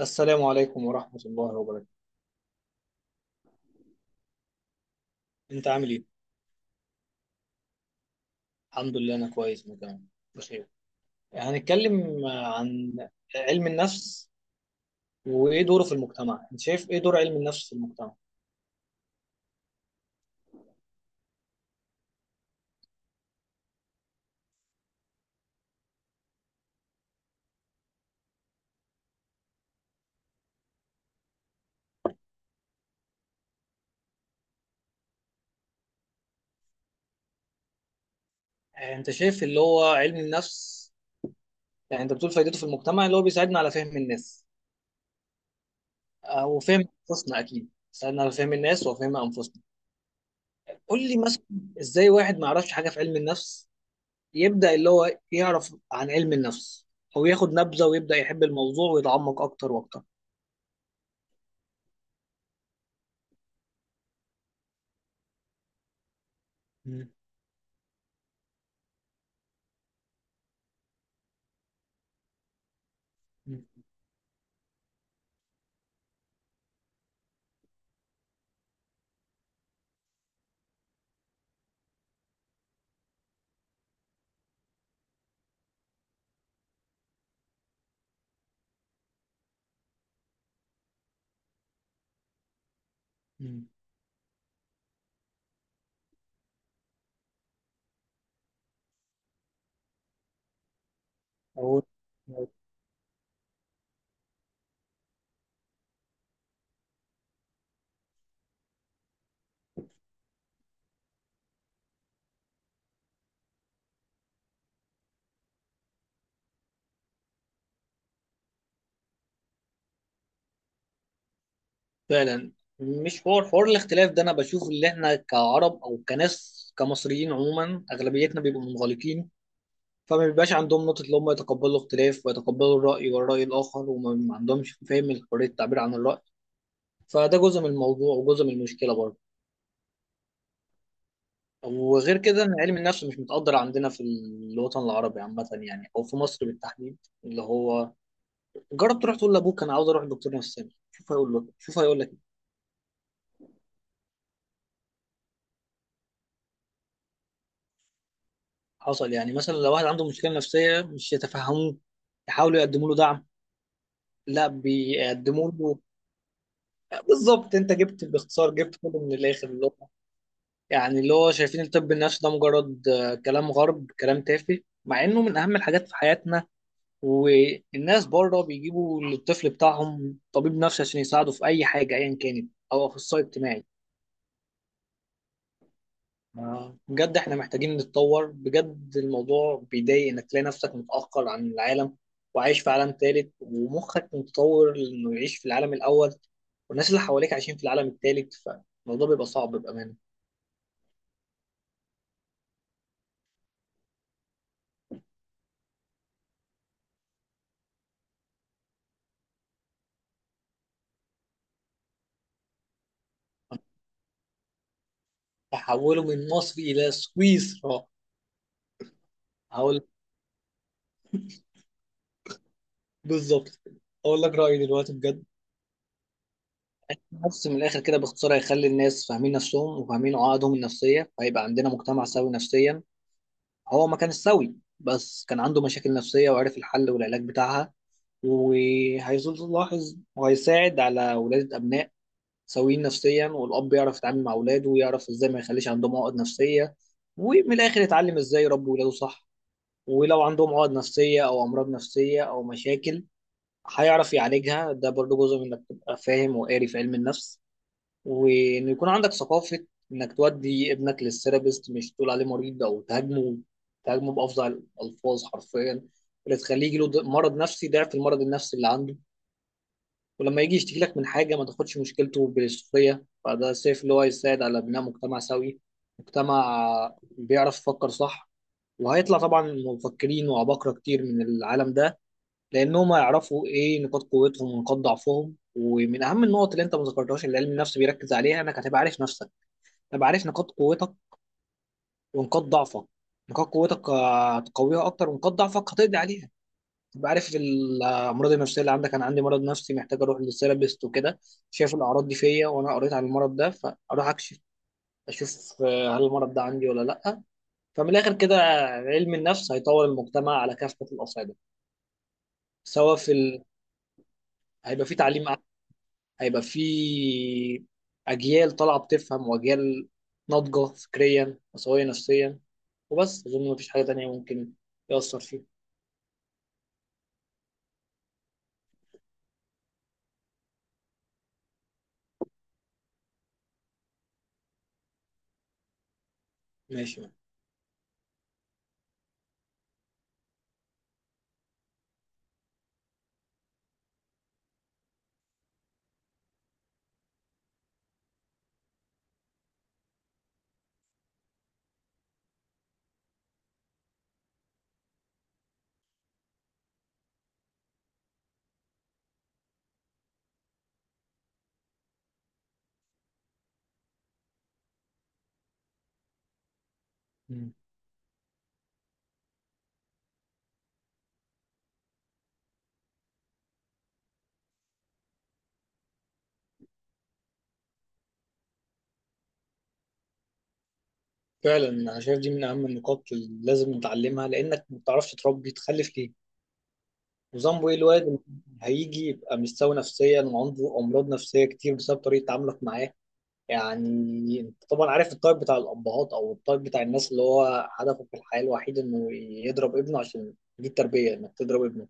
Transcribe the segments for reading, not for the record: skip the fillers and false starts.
السلام عليكم ورحمة الله وبركاته. انت عامل ايه؟ الحمد لله، انا كويس. انا كمان بخير. هنتكلم عن علم النفس وايه دوره في المجتمع. انت شايف ايه دور علم النفس في المجتمع؟ انت شايف اللي هو علم النفس، يعني انت بتقول فايدته في المجتمع اللي هو بيساعدنا على فهم الناس او فهم انفسنا. اكيد بيساعدنا على فهم الناس وفهم انفسنا. قول لي مثلا، ازاي واحد ما يعرفش حاجة في علم النفس يبدأ اللي هو يعرف عن علم النفس او ياخد نبذة ويبدأ يحب الموضوع ويتعمق اكتر واكتر. مم. مم. هو فعلا، مش حوار الاختلاف ده، انا بشوف اللي احنا كعرب او كناس كمصريين عموما اغلبيتنا بيبقوا منغلقين. فما بيبقاش عندهم نقطة اللي هم يتقبلوا الاختلاف ويتقبلوا الرأي والرأي الآخر وما ما عندهمش فهم حرية التعبير عن الرأي. فده جزء من الموضوع وجزء من المشكلة برضه. وغير كده ان علم النفس مش متقدر عندنا في الوطن العربي عامة، يعني او في مصر بالتحديد، اللي هو جرب تروح تقول لابوك انا عاوز اروح لدكتور نفساني، شوف هيقول لك. حصل، يعني مثلا لو واحد عنده مشكلة نفسية مش يتفهموه، يحاولوا يقدموا له دعم، لا بيقدموا له. بالظبط، انت جبت باختصار، جبت كله من الاخر اللي هو، يعني اللي هو شايفين الطب النفسي ده مجرد كلام غرب، كلام تافه، مع انه من اهم الحاجات في حياتنا. والناس بره بيجيبوا للطفل بتاعهم طبيب نفسي عشان يساعده في اي حاجة ايا كانت، او اخصائي اجتماعي. بجد احنا محتاجين نتطور. بجد الموضوع بيضايق انك تلاقي نفسك متأخر عن العالم وعايش في عالم ثالث ومخك متطور انه يعيش في العالم الاول، والناس اللي حواليك عايشين في العالم الثالث، فالموضوع بيبقى صعب بأمانة. تحوله من مصر الى سويسرا. هقول بالظبط. اقول لك رأيي دلوقتي بجد. بس من الاخر كده باختصار، هيخلي الناس فاهمين نفسهم وفاهمين عقدهم النفسية، فهيبقى عندنا مجتمع سوي نفسيا. هو ما كانش سوي، بس كان عنده مشاكل نفسية وعرف الحل والعلاج بتاعها. وهيلاحظ وهيساعد على ولادة أبناء سويين نفسيا، والأب يعرف يتعامل مع ولاده ويعرف إزاي ما يخليش عندهم عقد نفسية. ومن الآخر يتعلم إزاي يربي ولاده صح، ولو عندهم عقد نفسية أو أمراض نفسية أو مشاكل هيعرف يعالجها. ده برضه جزء من إنك تبقى فاهم وقاري في علم النفس، وإن يكون عندك ثقافة إنك تودي ابنك للثيرابيست، مش تقول عليه مريض أو تهاجمه بأفظع الألفاظ حرفيا، اللي تخليه يجيله مرض نفسي، ضعف المرض النفسي اللي عنده. ولما يجي يشتكي لك من حاجة ما تاخدش مشكلته بالسخرية. فده شايف اللي هو يساعد على بناء مجتمع سوي، مجتمع بيعرف يفكر صح. وهيطلع طبعا مفكرين وعباقرة كتير من العالم ده، لأنهم هيعرفوا إيه نقاط قوتهم ونقاط ضعفهم. ومن أهم النقط اللي أنت ما ذكرتهاش اللي علم النفس بيركز عليها إنك هتبقى عارف نفسك، هتبقى عارف نقاط قوتك ونقاط ضعفك. نقاط قوتك هتقويها أكتر، ونقاط ضعفك هتقضي عليها. تبقى عارف الامراض النفسيه اللي عندك. انا عندي مرض نفسي محتاج اروح للثيرابيست وكده. شايف الاعراض دي فيا وانا قريت عن المرض ده، فاروح اكشف، اشوف هل المرض ده عندي ولا لا. فمن الاخر كده، علم النفس هيطور المجتمع على كافه الاصعده. سواء في هيبقى في تعليم أعلى، هيبقى في اجيال طالعه بتفهم، واجيال ناضجه فكريا وسويه نفسيا. وبس اظن مفيش حاجه تانية ممكن يأثر فيه. ماشي. فعلا انا شايف دي من اهم النقاط اللي لازم نتعلمها، لانك ما بتعرفش تربي تخلف ليه، وذنبه ايه الواد اللي هيجي يبقى مش سوي نفسيا وعنده امراض نفسيه كتير بسبب طريقه تعاملك معاه. يعني انت طبعا عارف الطيب بتاع الابهات او الطيب بتاع الناس اللي هو هدفه في الحياه الوحيد انه يضرب ابنه، عشان دي التربيه انك تضرب ابنه.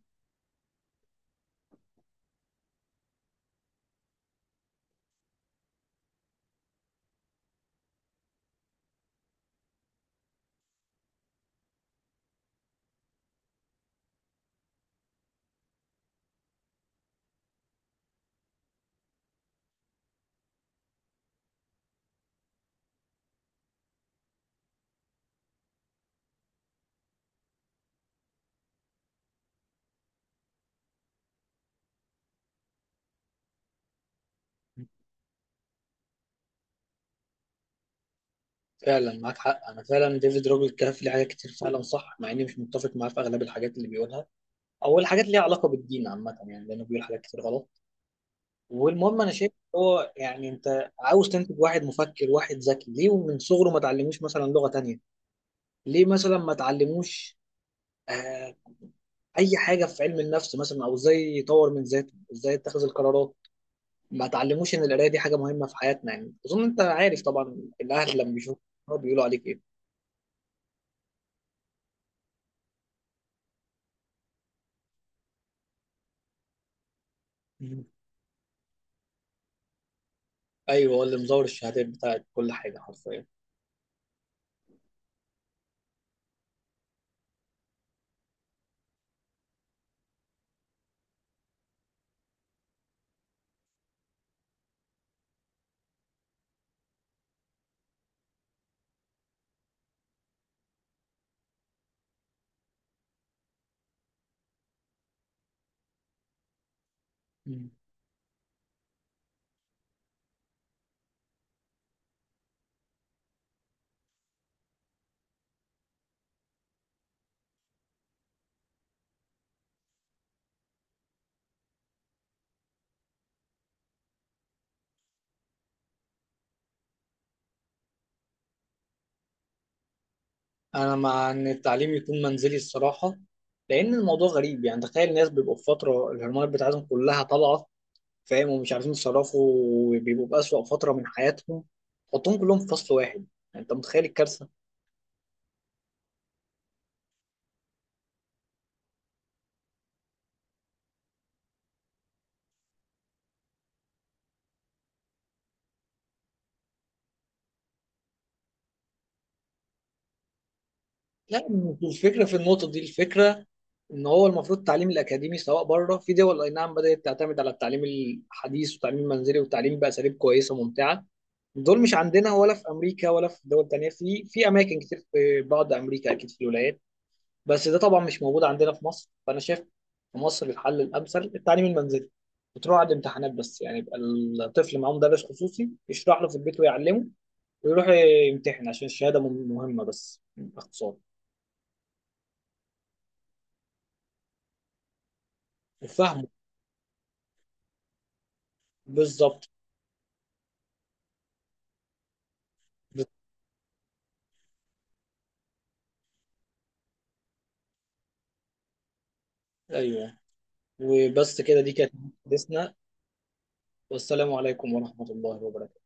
فعلا معاك حق. انا فعلا ديفيد روجر كان في حاجات كتير فعلا صح، مع اني مش متفق معاه في اغلب الحاجات اللي بيقولها، او الحاجات اللي ليها علاقه بالدين عامه، يعني لانه بيقول حاجات كتير غلط. والمهم انا شايف هو، يعني انت عاوز تنتج واحد مفكر واحد ذكي، ليه ومن صغره ما تعلموش مثلا لغة تانية؟ ليه مثلا ما تعلموش آه اي حاجة في علم النفس مثلا، او ازاي يطور من ذاته، ازاي يتخذ القرارات؟ ما تعلموش ان القراية دي حاجة مهمة في حياتنا. يعني اظن انت عارف طبعا الاهل لما بيشوفوا بيقولوا عليك ايه. مم. ايوه، هو اللي مزور الشهادات بتاعت كل حاجة حرفيا. مم. انا مع ان التعليم يكون منزلي الصراحه. لان الموضوع غريب، يعني تخيل الناس بيبقوا في فتره الهرمونات بتاعتهم كلها طالعه، فاهم، ومش عارفين يتصرفوا، وبيبقوا في أسوأ فترة من حياتهم. حطهم كلهم في فصل واحد، يعني انت متخيل الكارثة. لا، مش الفكرة في النقطة دي. الفكرة ان هو المفروض التعليم الاكاديمي سواء بره، في دول اي نعم بدأت تعتمد على التعليم الحديث والتعليم المنزلي والتعليم بأساليب كويسة ممتعة. دول مش عندنا ولا في امريكا، ولا في دول تانية، في اماكن كتير، في بعض امريكا اكيد في الولايات. بس ده طبعا مش موجود عندنا في مصر، فانا شايف في مصر الحل الامثل التعليم المنزلي. بتروح عند امتحانات بس يعني، يبقى الطفل معاه مدرس خصوصي يشرح له في البيت ويعلمه، ويروح يمتحن عشان الشهاده مهمه، بس باختصار. وفهمه. بالظبط. بس- ايوه. وبس كده، دي كانت حديثنا. والسلام عليكم ورحمه الله وبركاته.